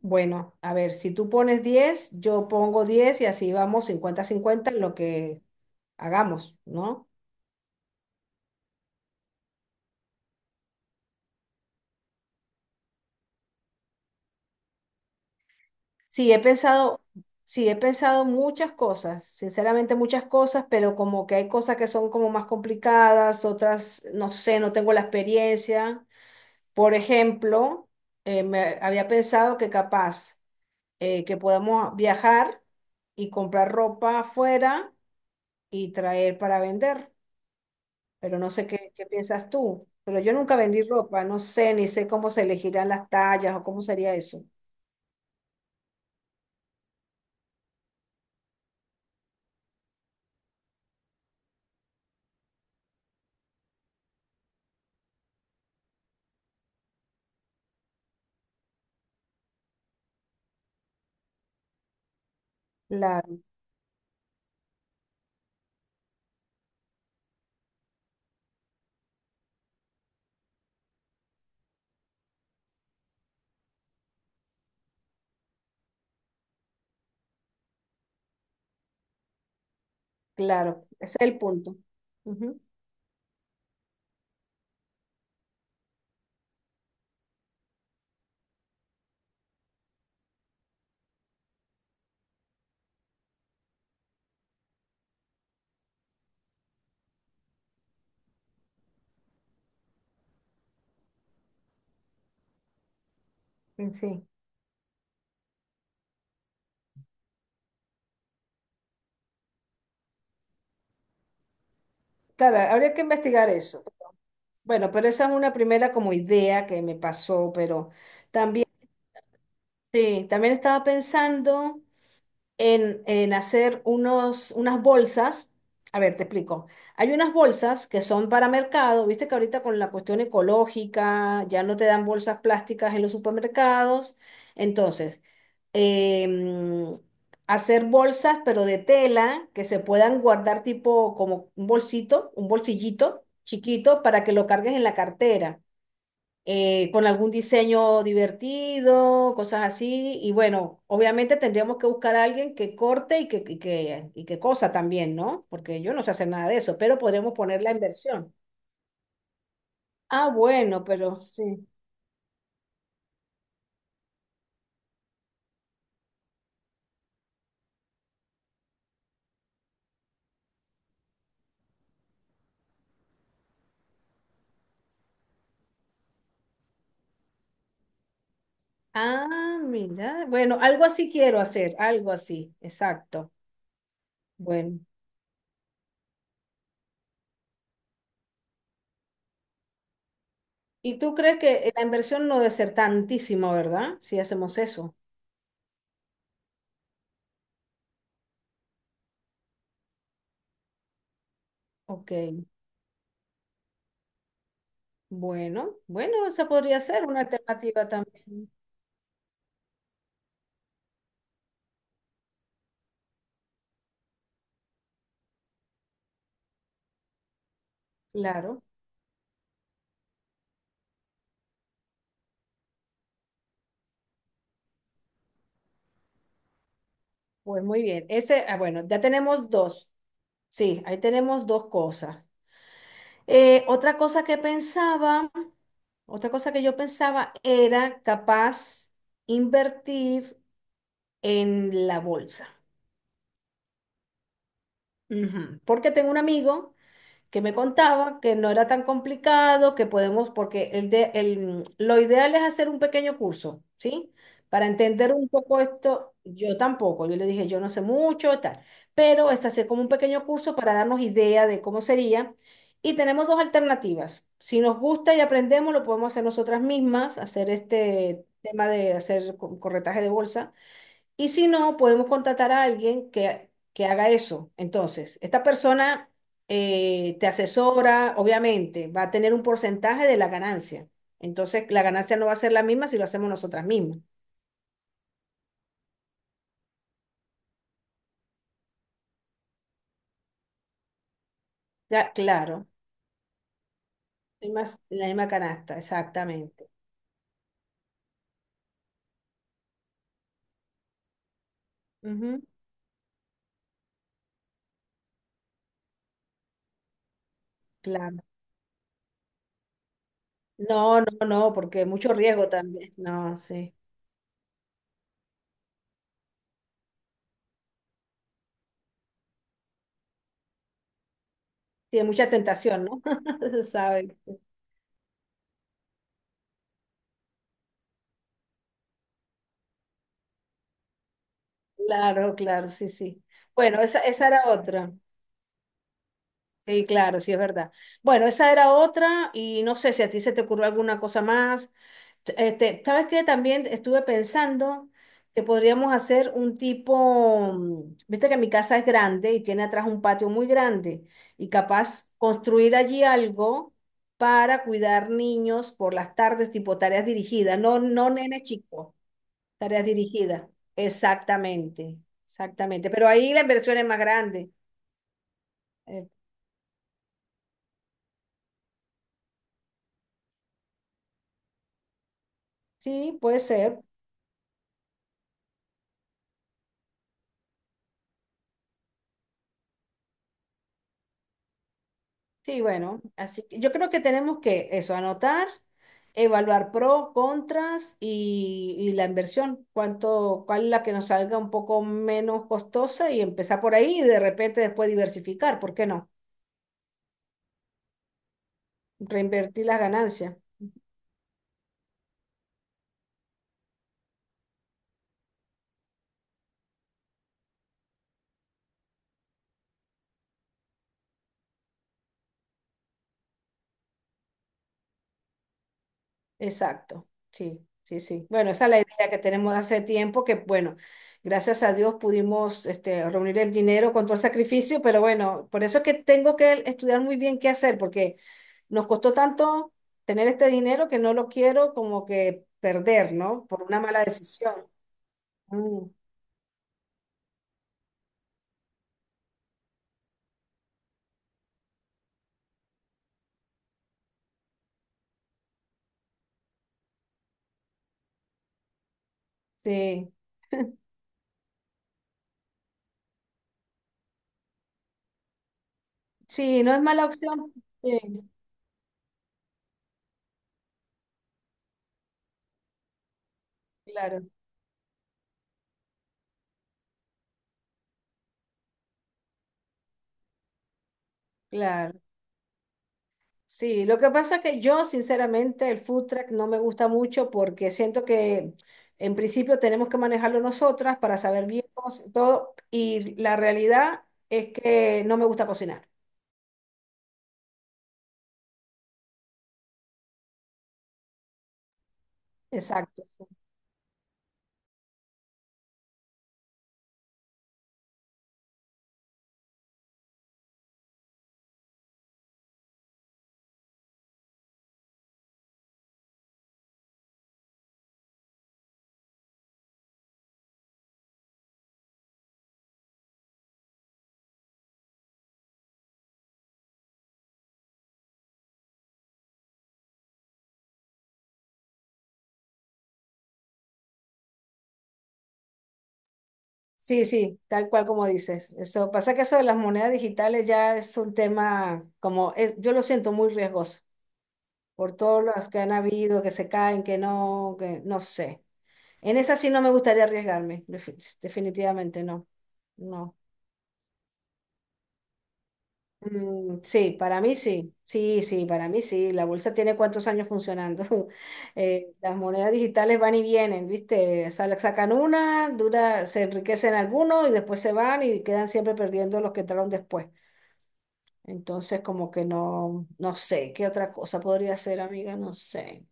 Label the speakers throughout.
Speaker 1: Bueno, a ver, si tú pones 10, yo pongo 10 y así vamos 50 cincuenta en lo que hagamos, ¿no? Sí, he pensado, sí, he pensado muchas cosas, sinceramente muchas cosas, pero como que hay cosas que son como más complicadas, otras, no sé, no tengo la experiencia. Por ejemplo, me había pensado que capaz que podamos viajar y comprar ropa afuera y traer para vender. Pero no sé qué piensas tú. Pero yo nunca vendí ropa, no sé, ni sé cómo se elegirán las tallas o cómo sería eso. Claro, claro, ese es el punto. Ujú. En fin. Claro, habría que investigar eso. Bueno, pero esa es una primera como idea que me pasó, pero también, sí, también estaba pensando en hacer unos, unas bolsas. A ver, te explico. Hay unas bolsas que son para mercado. Viste que ahorita con la cuestión ecológica ya no te dan bolsas plásticas en los supermercados. Entonces, em, hacer bolsas, pero de tela, que se puedan guardar tipo como un bolsito, un bolsillito chiquito para que lo cargues en la cartera, con algún diseño divertido, cosas así. Y bueno, obviamente tendríamos que buscar a alguien que corte y que cosa también, ¿no? Porque yo no sé hacer nada de eso, pero podremos poner la inversión. Ah, bueno, pero sí. Ah, mira. Bueno, algo así quiero hacer, algo así, exacto. Bueno. ¿Y tú crees que la inversión no debe ser tantísima, verdad? Si hacemos eso. Ok. Bueno, bueno, esa podría ser una alternativa también. Claro. Pues muy bien. Ese, ah, bueno, ya tenemos dos. Sí, ahí tenemos dos cosas. Otra cosa que pensaba, otra cosa que yo pensaba era capaz invertir en la bolsa. Ujú. Porque tengo un amigo que me contaba que no era tan complicado, que podemos, porque lo ideal es hacer un pequeño curso, ¿sí? Para entender un poco esto, yo tampoco, yo le dije, yo no sé mucho, tal, pero es hacer como un pequeño curso para darnos idea de cómo sería. Y tenemos dos alternativas. Si nos gusta y aprendemos, lo podemos hacer nosotras mismas, hacer este tema de hacer corretaje de bolsa. Y si no, podemos contratar a alguien que haga eso. Entonces, esta persona te asesora, obviamente, va a tener un porcentaje de la ganancia. Entonces, la ganancia no va a ser la misma si lo hacemos nosotras mismas. Ya, claro, en la misma canasta, exactamente. Ujú, claro. No, no, no, porque mucho riesgo también. No, sí. Tiene mucha tentación, ¿no? Se sabe. Claro, claro, sí, sí. Bueno, esa era otra. Sí, claro, sí es verdad. Bueno, esa era otra y no sé si a ti se te ocurrió alguna cosa más. Este, ¿sabes qué? También estuve pensando que podríamos hacer un tipo, viste que mi casa es grande y tiene atrás un patio muy grande y capaz construir allí algo para cuidar niños por las tardes, tipo tareas dirigidas, no, no nenes chicos, tareas dirigidas. Exactamente, exactamente. Pero ahí la inversión es más grande. Eh, sí, puede ser. Sí, bueno, así que yo creo que tenemos que eso, anotar, evaluar pro, contras y la inversión, cuánto, cuál es la que nos salga un poco menos costosa y empezar por ahí y de repente después diversificar, ¿por qué no? Reinvertir las ganancias. Exacto, sí, sí, sí. Bueno, esa es la idea que tenemos de hace tiempo, que bueno, gracias a Dios pudimos este, reunir el dinero con todo el sacrificio, pero bueno, por eso es que tengo que estudiar muy bien qué hacer, porque nos costó tanto tener este dinero que no lo quiero como que perder, ¿no? Por una mala decisión. Mm, sí, sí, no es mala opción. Sí, claro, claro. Sí, lo que pasa es que yo sinceramente el food truck no me gusta mucho porque siento que en principio tenemos que manejarlo nosotras para saber bien cómo todo y la realidad es que no me gusta cocinar. Exacto. Sí, sí, tal cual como dices. Eso pasa que eso de las monedas digitales ya es un tema como es, yo lo siento muy riesgoso por todas las que han habido, que se caen, que no sé. En esa sí no me gustaría arriesgarme, definitivamente no. No. Mm, sí, para mí sí, sí, sí, para mí sí. La bolsa tiene cuántos años funcionando. Las monedas digitales van y vienen, ¿viste? Sacan una, dura, se enriquecen algunos y después se van y quedan siempre perdiendo los que entraron después. Entonces, como que no, no sé, ¿qué otra cosa podría ser, amiga? No sé.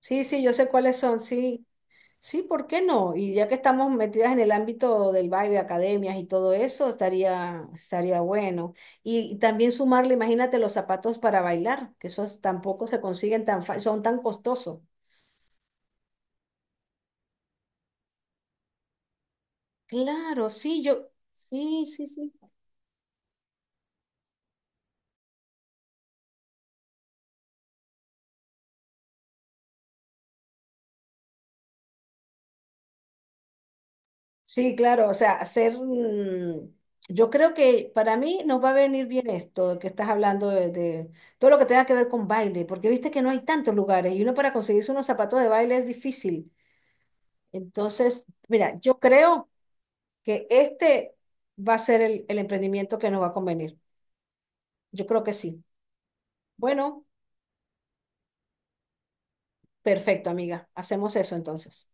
Speaker 1: Sí, sí, yo sé cuáles son, sí. Sí, ¿por qué no? Y ya que estamos metidas en el ámbito del baile, academias y todo eso, estaría bueno. Y también sumarle, imagínate, los zapatos para bailar, que esos tampoco se consiguen tan fácil, son tan costosos. Claro, sí, yo, sí, sí, sí. Sí, claro, o sea, hacer, yo creo que para mí nos va a venir bien esto que estás hablando de todo lo que tenga que ver con baile, porque viste que no hay tantos lugares y uno para conseguirse unos zapatos de baile es difícil. Entonces, mira, yo creo que este va a ser el emprendimiento que nos va a convenir. Yo creo que sí. Bueno, perfecto, amiga. Hacemos eso entonces.